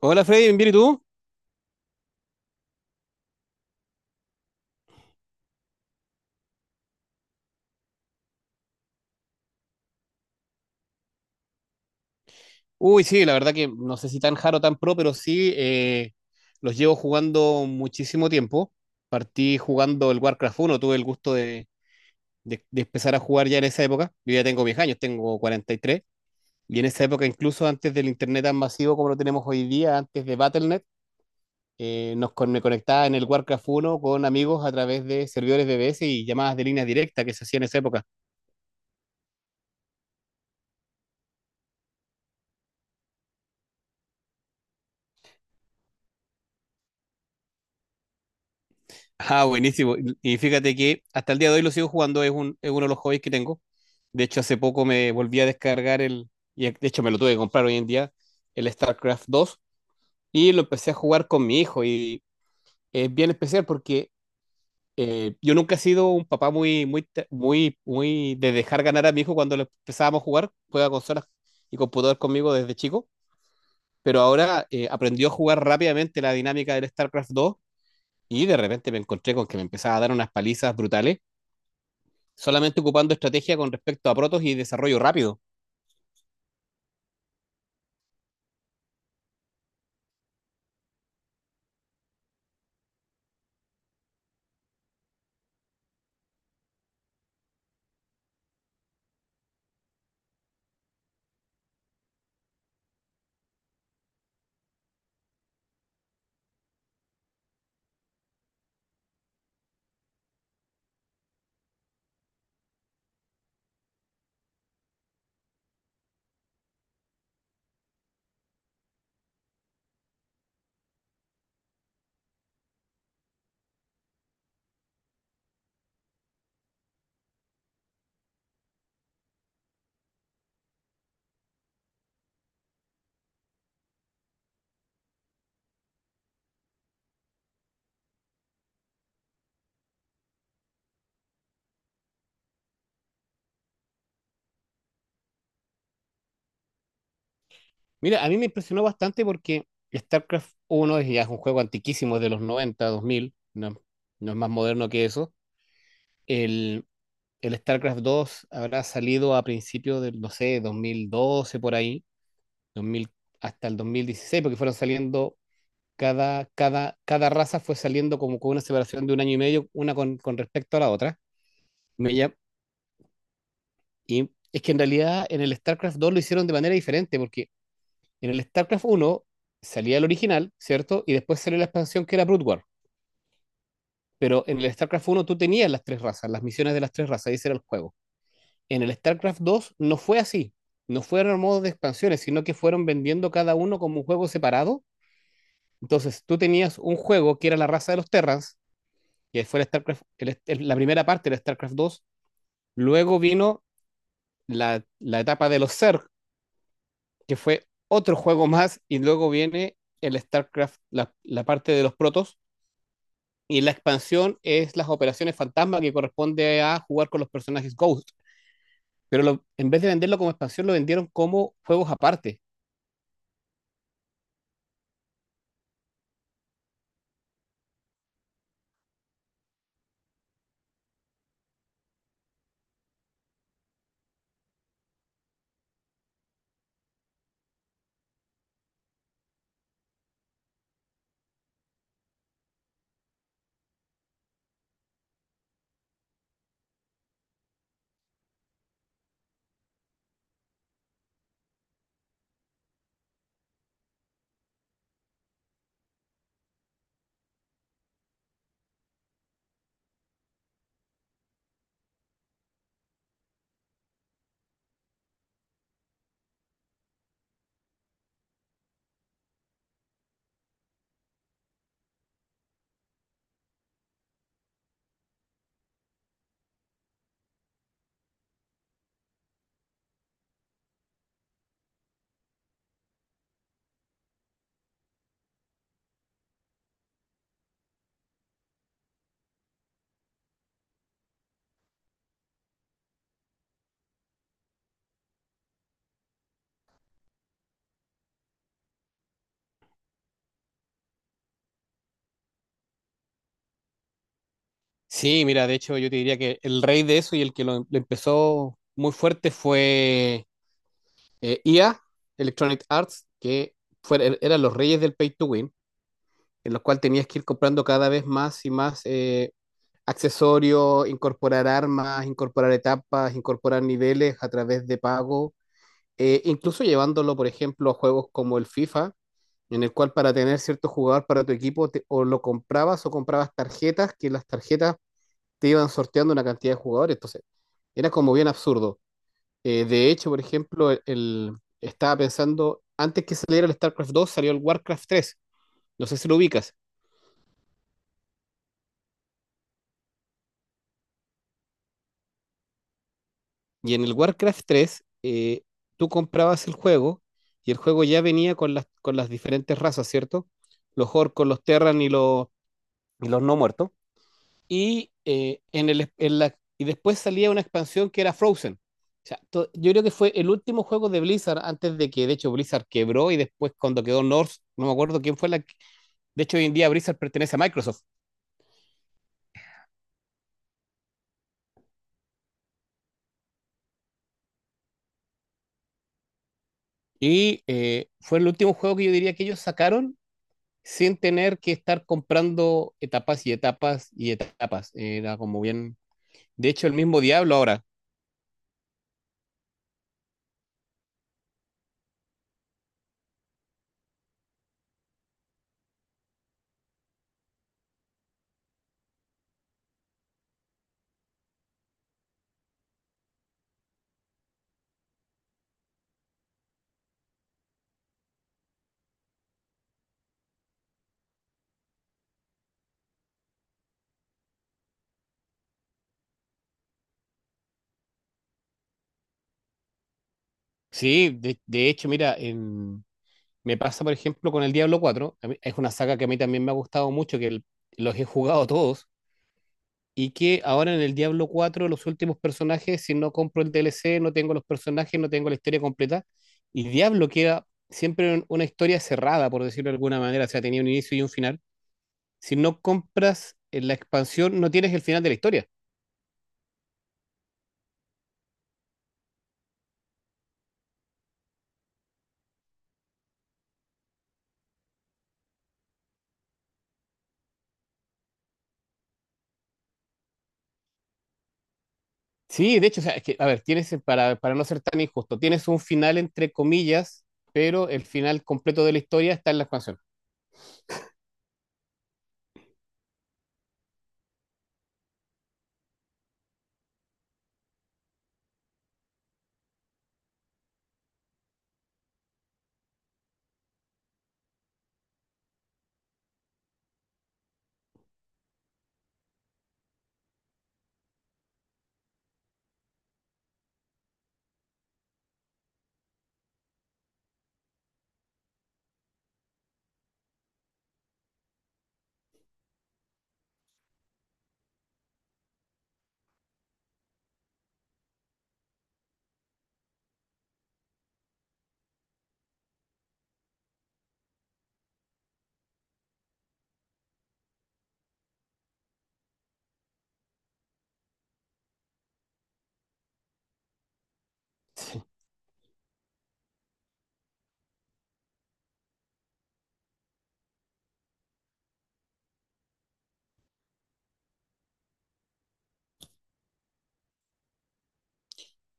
Hola Freddy, ¿bien y tú? Uy, sí, la verdad que no sé si tan jaro tan pro, pero sí, los llevo jugando muchísimo tiempo. Partí jugando el Warcraft uno. Tuve el gusto de empezar a jugar ya en esa época. Yo ya tengo 10 años, tengo 43. Y tres. Y en esa época, incluso antes del internet tan masivo como lo tenemos hoy día, antes de Battle.net, me conectaba en el Warcraft uno con amigos a través de servidores BBS y llamadas de línea directa que se hacían en esa época. Ah, buenísimo. Y fíjate que hasta el día de hoy lo sigo jugando, es uno de los hobbies que tengo. De hecho, hace poco me volví a descargar y de hecho me lo tuve que comprar hoy en día, el StarCraft 2, y lo empecé a jugar con mi hijo. Y es bien especial porque yo nunca he sido un papá muy, muy, de dejar ganar a mi hijo cuando lo empezábamos a jugar, juega consolas y computador conmigo desde chico, pero ahora aprendió a jugar rápidamente la dinámica del StarCraft 2 y de repente me encontré con que me empezaba a dar unas palizas brutales solamente ocupando estrategia con respecto a protos y desarrollo rápido. Mira, a mí me impresionó bastante porque StarCraft uno es ya es un juego antiquísimo, es de los noventa dos mil. No, no es más moderno que eso. El, el StarCraft dos habrá salido a principios del, no sé, 2012 por ahí, 2000 hasta el 2016 porque fueron saliendo, cada raza fue saliendo como con una separación de un año y medio, una con respecto a la otra. Me llam- y es que en realidad en el StarCraft dos lo hicieron de manera diferente, porque en el StarCraft uno salía el original, ¿cierto? Y después salió la expansión que era Brood War. Pero en el StarCraft uno tú tenías las tres razas, las misiones de las tres razas, y ese era el juego. En el StarCraft dos no fue así. No fueron modos de expansiones, sino que fueron vendiendo cada uno como un juego separado. Entonces tú tenías un juego que era la raza de los Terrans, que fue el StarCraft, la primera parte del StarCraft dos. Luego vino la etapa de los Zerg, que fue otro juego más, y luego viene el StarCraft, la parte de los Protoss. Y la expansión es las operaciones fantasma que corresponde a jugar con los personajes Ghost. En vez de venderlo como expansión, lo vendieron como juegos aparte. Sí, mira, de hecho yo te diría que el rey de eso y el que lo empezó muy fuerte fue, EA, Electronic Arts, que eran los reyes del pay to win, en los cuales tenías que ir comprando cada vez más y más accesorios, incorporar armas, incorporar etapas, incorporar niveles a través de pago. Incluso llevándolo, por ejemplo, a juegos como el FIFA, en el cual para tener cierto jugador para tu equipo, o lo comprabas o comprabas tarjetas, que las tarjetas te iban sorteando una cantidad de jugadores. Entonces, era como bien absurdo. De hecho, por ejemplo, estaba pensando, antes que saliera el StarCraft dos salió el WarCraft tres. No sé si lo ubicas. Y en el WarCraft tres, tú comprabas el juego y el juego ya venía con las diferentes razas, ¿cierto? Los orcos, los terran y los no muertos. Y, en el, en la, y después salía una expansión que era Frozen. O sea, yo creo que fue el último juego de Blizzard antes de que, de hecho, Blizzard quebró y después cuando quedó North, no me acuerdo quién fue la. De hecho, hoy en día Blizzard pertenece a Microsoft. Y, fue el último juego que yo diría que ellos sacaron sin tener que estar comprando etapas y etapas y etapas. Era como bien... De hecho, el mismo Diablo ahora. Sí, de hecho, mira, me pasa, por ejemplo, con el Diablo 4. Es una saga que a mí también me ha gustado mucho, los he jugado todos. Y que ahora en el Diablo 4, los últimos personajes, si no compro el DLC, no tengo los personajes, no tengo la historia completa. Y Diablo queda siempre en una historia cerrada, por decirlo de alguna manera. O sea, tenía un inicio y un final. Si no compras, la expansión, no tienes el final de la historia. Sí, de hecho, o sea, es que, a ver, tienes, para no ser tan injusto, tienes un final entre comillas, pero el final completo de la historia está en la expansión.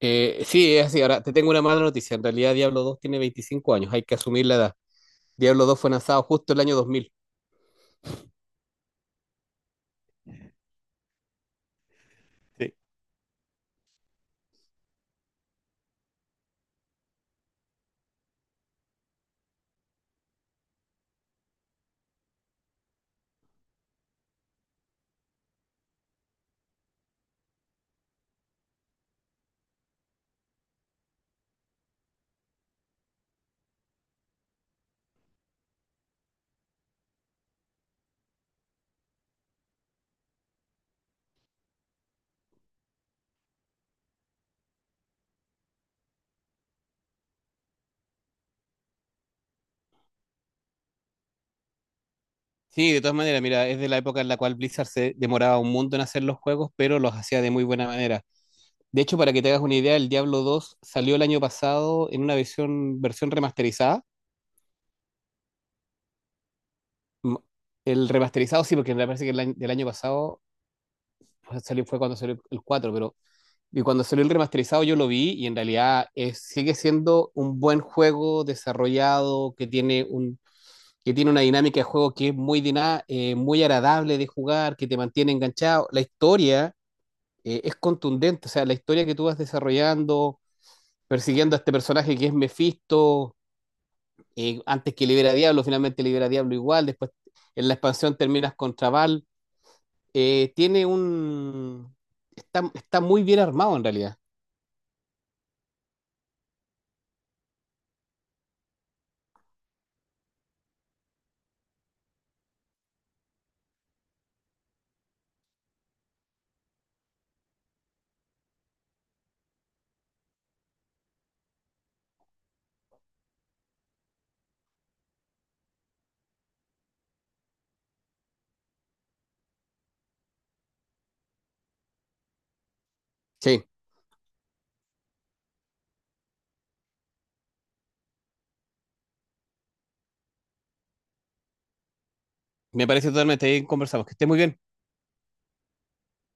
Sí, es así. Ahora, te tengo una mala noticia. En realidad, Diablo 2 tiene 25 años. Hay que asumir la edad. Diablo 2 fue lanzado justo el año 2000. Sí. Sí, de todas maneras, mira, es de la época en la cual Blizzard se demoraba un mundo en hacer los juegos, pero los hacía de muy buena manera. De hecho, para que te hagas una idea, el Diablo 2 salió el año pasado en una versión, versión remasterizada. M- El remasterizado sí, porque me parece que el año, del año pasado pues, salió, fue cuando salió el 4, pero y cuando salió el remasterizado yo lo vi y en realidad sigue siendo un buen juego desarrollado que tiene un, que tiene una dinámica de juego que es muy, muy agradable de jugar, que te mantiene enganchado. La historia, es contundente, o sea, la historia que tú vas desarrollando, persiguiendo a este personaje que es Mephisto, antes que libera a Diablo, finalmente libera a Diablo igual, después en la expansión terminas contra Val, tiene un... Está, está muy bien armado en realidad. Sí. Me parece totalmente. Ahí conversamos. Que esté muy bien.